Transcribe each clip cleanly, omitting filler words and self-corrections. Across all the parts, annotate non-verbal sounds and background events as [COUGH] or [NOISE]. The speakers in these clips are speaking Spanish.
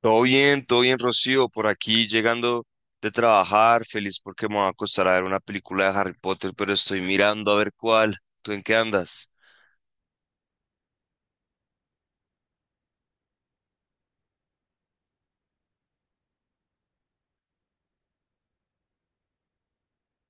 Todo bien, Rocío, por aquí llegando de trabajar, feliz porque me va a costar a ver una película de Harry Potter, pero estoy mirando a ver cuál. ¿Tú en qué andas?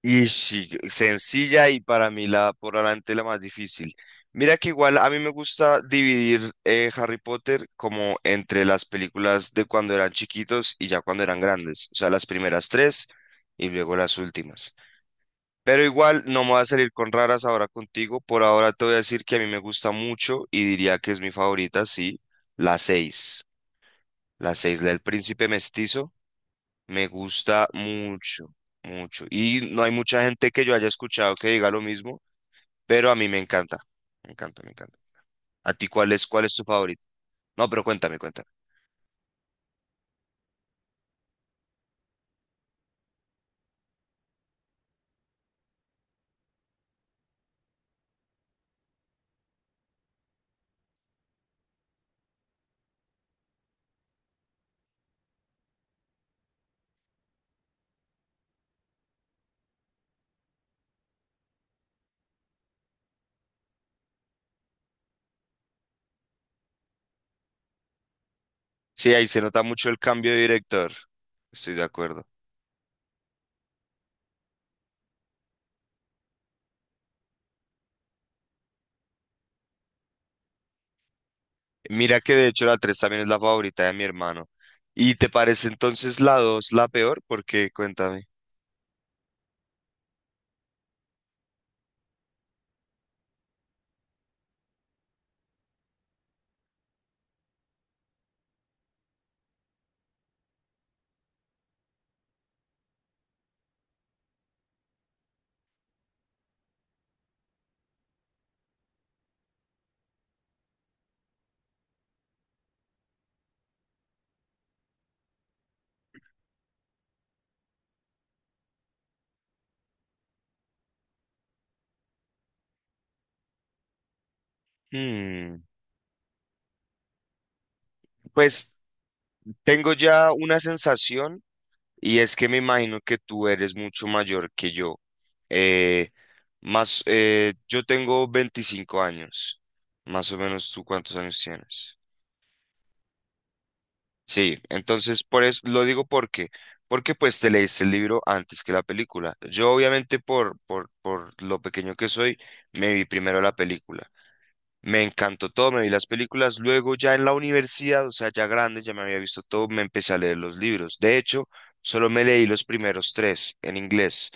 Y sí, sencilla y para mí la por adelante la más difícil. Mira que igual a mí me gusta dividir Harry Potter como entre las películas de cuando eran chiquitos y ya cuando eran grandes, o sea, las primeras tres y luego las últimas. Pero igual no me voy a salir con raras ahora contigo. Por ahora te voy a decir que a mí me gusta mucho y diría que es mi favorita, sí, la seis. La seis, la del príncipe mestizo, me gusta mucho, mucho. Y no hay mucha gente que yo haya escuchado que diga lo mismo, pero a mí me encanta. Me encanta, me encanta. ¿A ti cuál es tu favorito? No, pero cuéntame, cuéntame. Sí, ahí se nota mucho el cambio de director. Estoy de acuerdo. Mira que de hecho la 3 también es la favorita de mi hermano. ¿Y te parece entonces la 2 la peor? Porque cuéntame. Hmm, pues tengo ya una sensación y es que me imagino que tú eres mucho mayor que yo. Eh, Más, yo tengo 25 años. Más o menos tú cuántos años tienes. Sí, entonces por eso lo digo porque pues te leíste el libro antes que la película. Yo obviamente por lo pequeño que soy, me vi primero la película. Me encantó todo, me vi las películas. Luego ya en la universidad, o sea, ya grande, ya me había visto todo, me empecé a leer los libros. De hecho, solo me leí los primeros tres en inglés,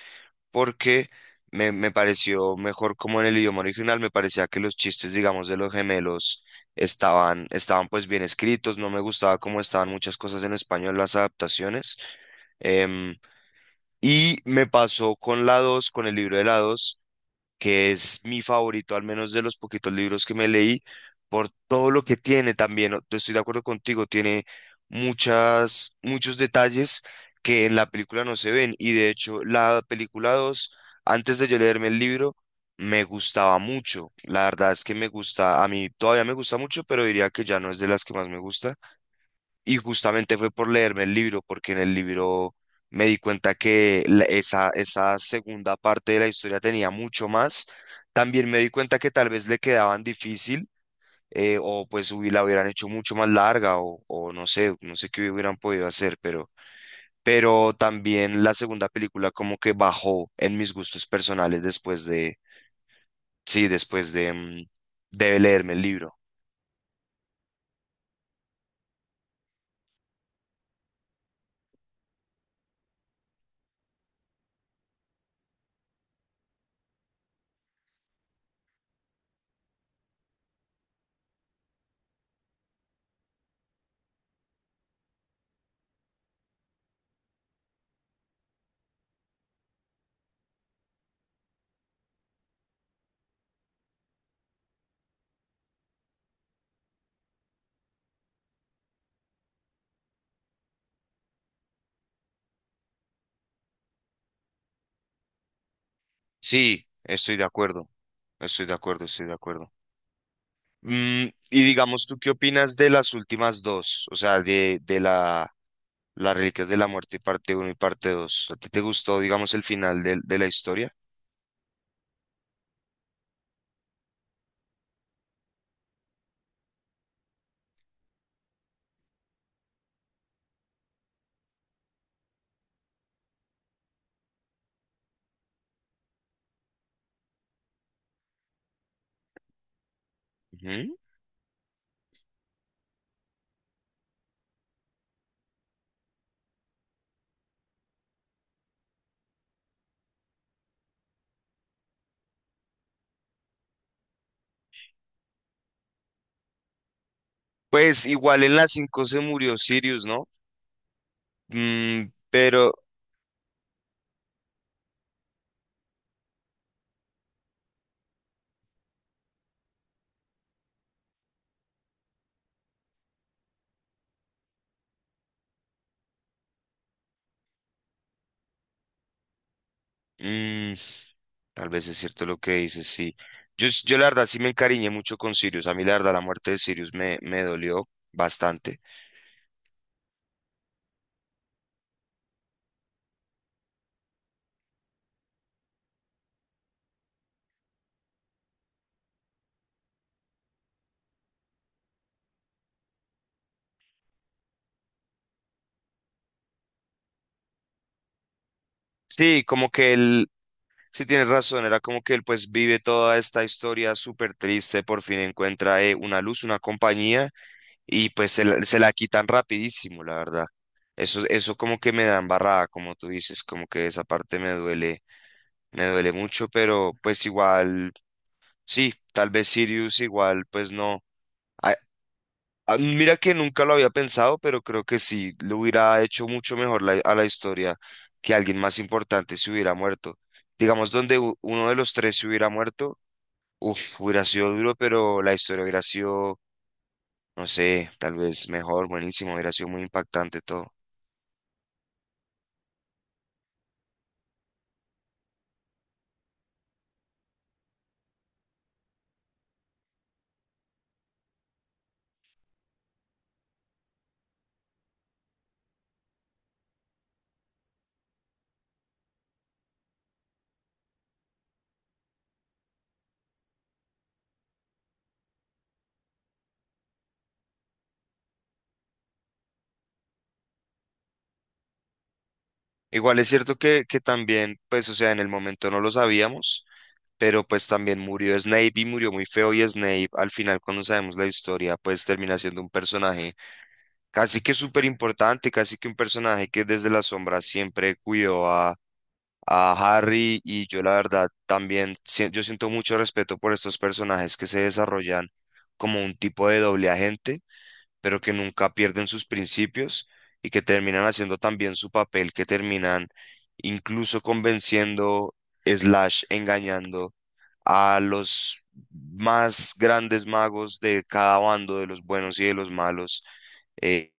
porque me pareció mejor como en el idioma original, me parecía que los chistes, digamos, de los gemelos estaban pues bien escritos, no me gustaba cómo estaban muchas cosas en español, las adaptaciones. Em, y me pasó con la 2, con el libro de la 2 que es mi favorito, al menos de los poquitos libros que me leí, por todo lo que tiene también. Estoy de acuerdo contigo, tiene muchos detalles que en la película no se ven. Y de hecho, la película 2 antes de yo leerme el libro, me gustaba mucho. La verdad es que me gusta, a mí todavía me gusta mucho, pero diría que ya no es de las que más me gusta. Y justamente fue por leerme el libro, porque en el libro me di cuenta que esa, esa segunda parte de la historia tenía mucho más. También me di cuenta que tal vez le quedaban difícil, o pues la hubieran hecho mucho más larga, o no sé, no sé qué hubieran podido hacer, pero también la segunda película como que bajó en mis gustos personales después de de leerme el libro. Sí, estoy de acuerdo, estoy de acuerdo, estoy de acuerdo. Mm, y digamos, ¿tú qué opinas de las últimas dos? O sea, de las Reliquias de la Muerte, parte uno y parte 2. ¿A ti te gustó, digamos, el final de la historia? Ujú. Pues igual en la 5 se murió Sirius, ¿no? Mm, pero mm, Tal vez es cierto lo que dices, sí. Yo la verdad sí me encariñé mucho con Sirius. A mí la verdad la muerte de Sirius me dolió bastante. Sí, como que él. Sí, tienes razón, era como que él pues vive toda esta historia súper triste, por fin encuentra una luz, una compañía y pues se la quitan rapidísimo, la verdad. Eso como que me da embarrada, como tú dices, como que esa parte me duele mucho, pero pues igual, sí, tal vez Sirius igual, pues no. Ah, ah, mira que nunca lo había pensado, pero creo que sí, le hubiera hecho mucho mejor a la historia que alguien más importante se hubiera muerto. Digamos, donde uno de los tres se hubiera muerto. Uf, hubiera sido duro, pero la historia hubiera sido, no sé, tal vez mejor, buenísimo, hubiera sido muy impactante todo. Igual es cierto que también, pues, o sea, en el momento no lo sabíamos, pero pues también murió Snape y murió muy feo y Snape al final cuando sabemos la historia, pues termina siendo un personaje casi que súper importante, casi que un personaje que desde la sombra siempre cuidó a Harry. Y yo la verdad también, yo siento mucho respeto por estos personajes que se desarrollan como un tipo de doble agente pero que nunca pierden sus principios y que terminan haciendo también su papel, que terminan incluso convenciendo, slash, engañando a los más grandes magos de cada bando, de los buenos y de los malos. eh,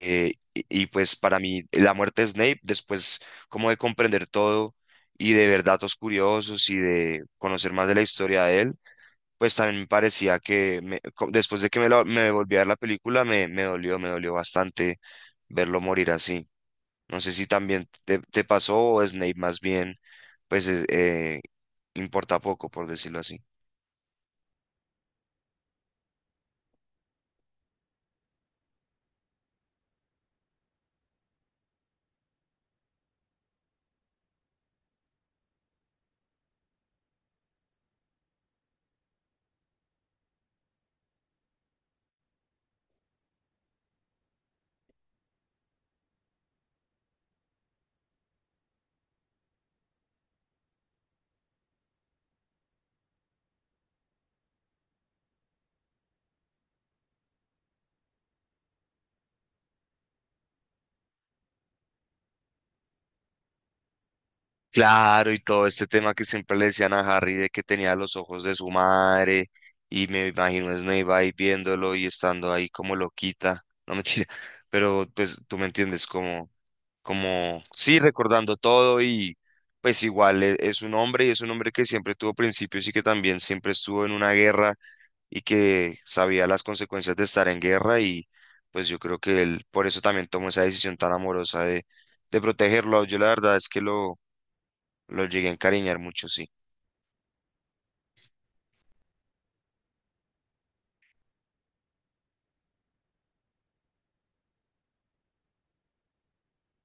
y pues para mí la muerte de Snape, después como de comprender todo y de ver datos curiosos y de conocer más de la historia de él, pues también me parecía que después de que me volví a ver la película, me dolió bastante verlo morir así. No sé si también te pasó o Snape más bien, pues importa poco, por decirlo así. Claro, y todo este tema que siempre le decían a Harry de que tenía los ojos de su madre, y me imagino a Snape ahí viéndolo y estando ahí como loquita, no [LAUGHS] mentira, pero pues tú me entiendes, sí, recordando todo y pues igual es, un hombre y es un hombre que siempre tuvo principios y que también siempre estuvo en una guerra y que sabía las consecuencias de estar en guerra y pues yo creo que él por eso también tomó esa decisión tan amorosa de protegerlo. Yo la verdad es que lo llegué a encariñar mucho, sí.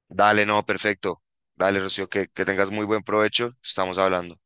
Dale, no, perfecto. Dale, Rocío, que tengas muy buen provecho. Estamos hablando.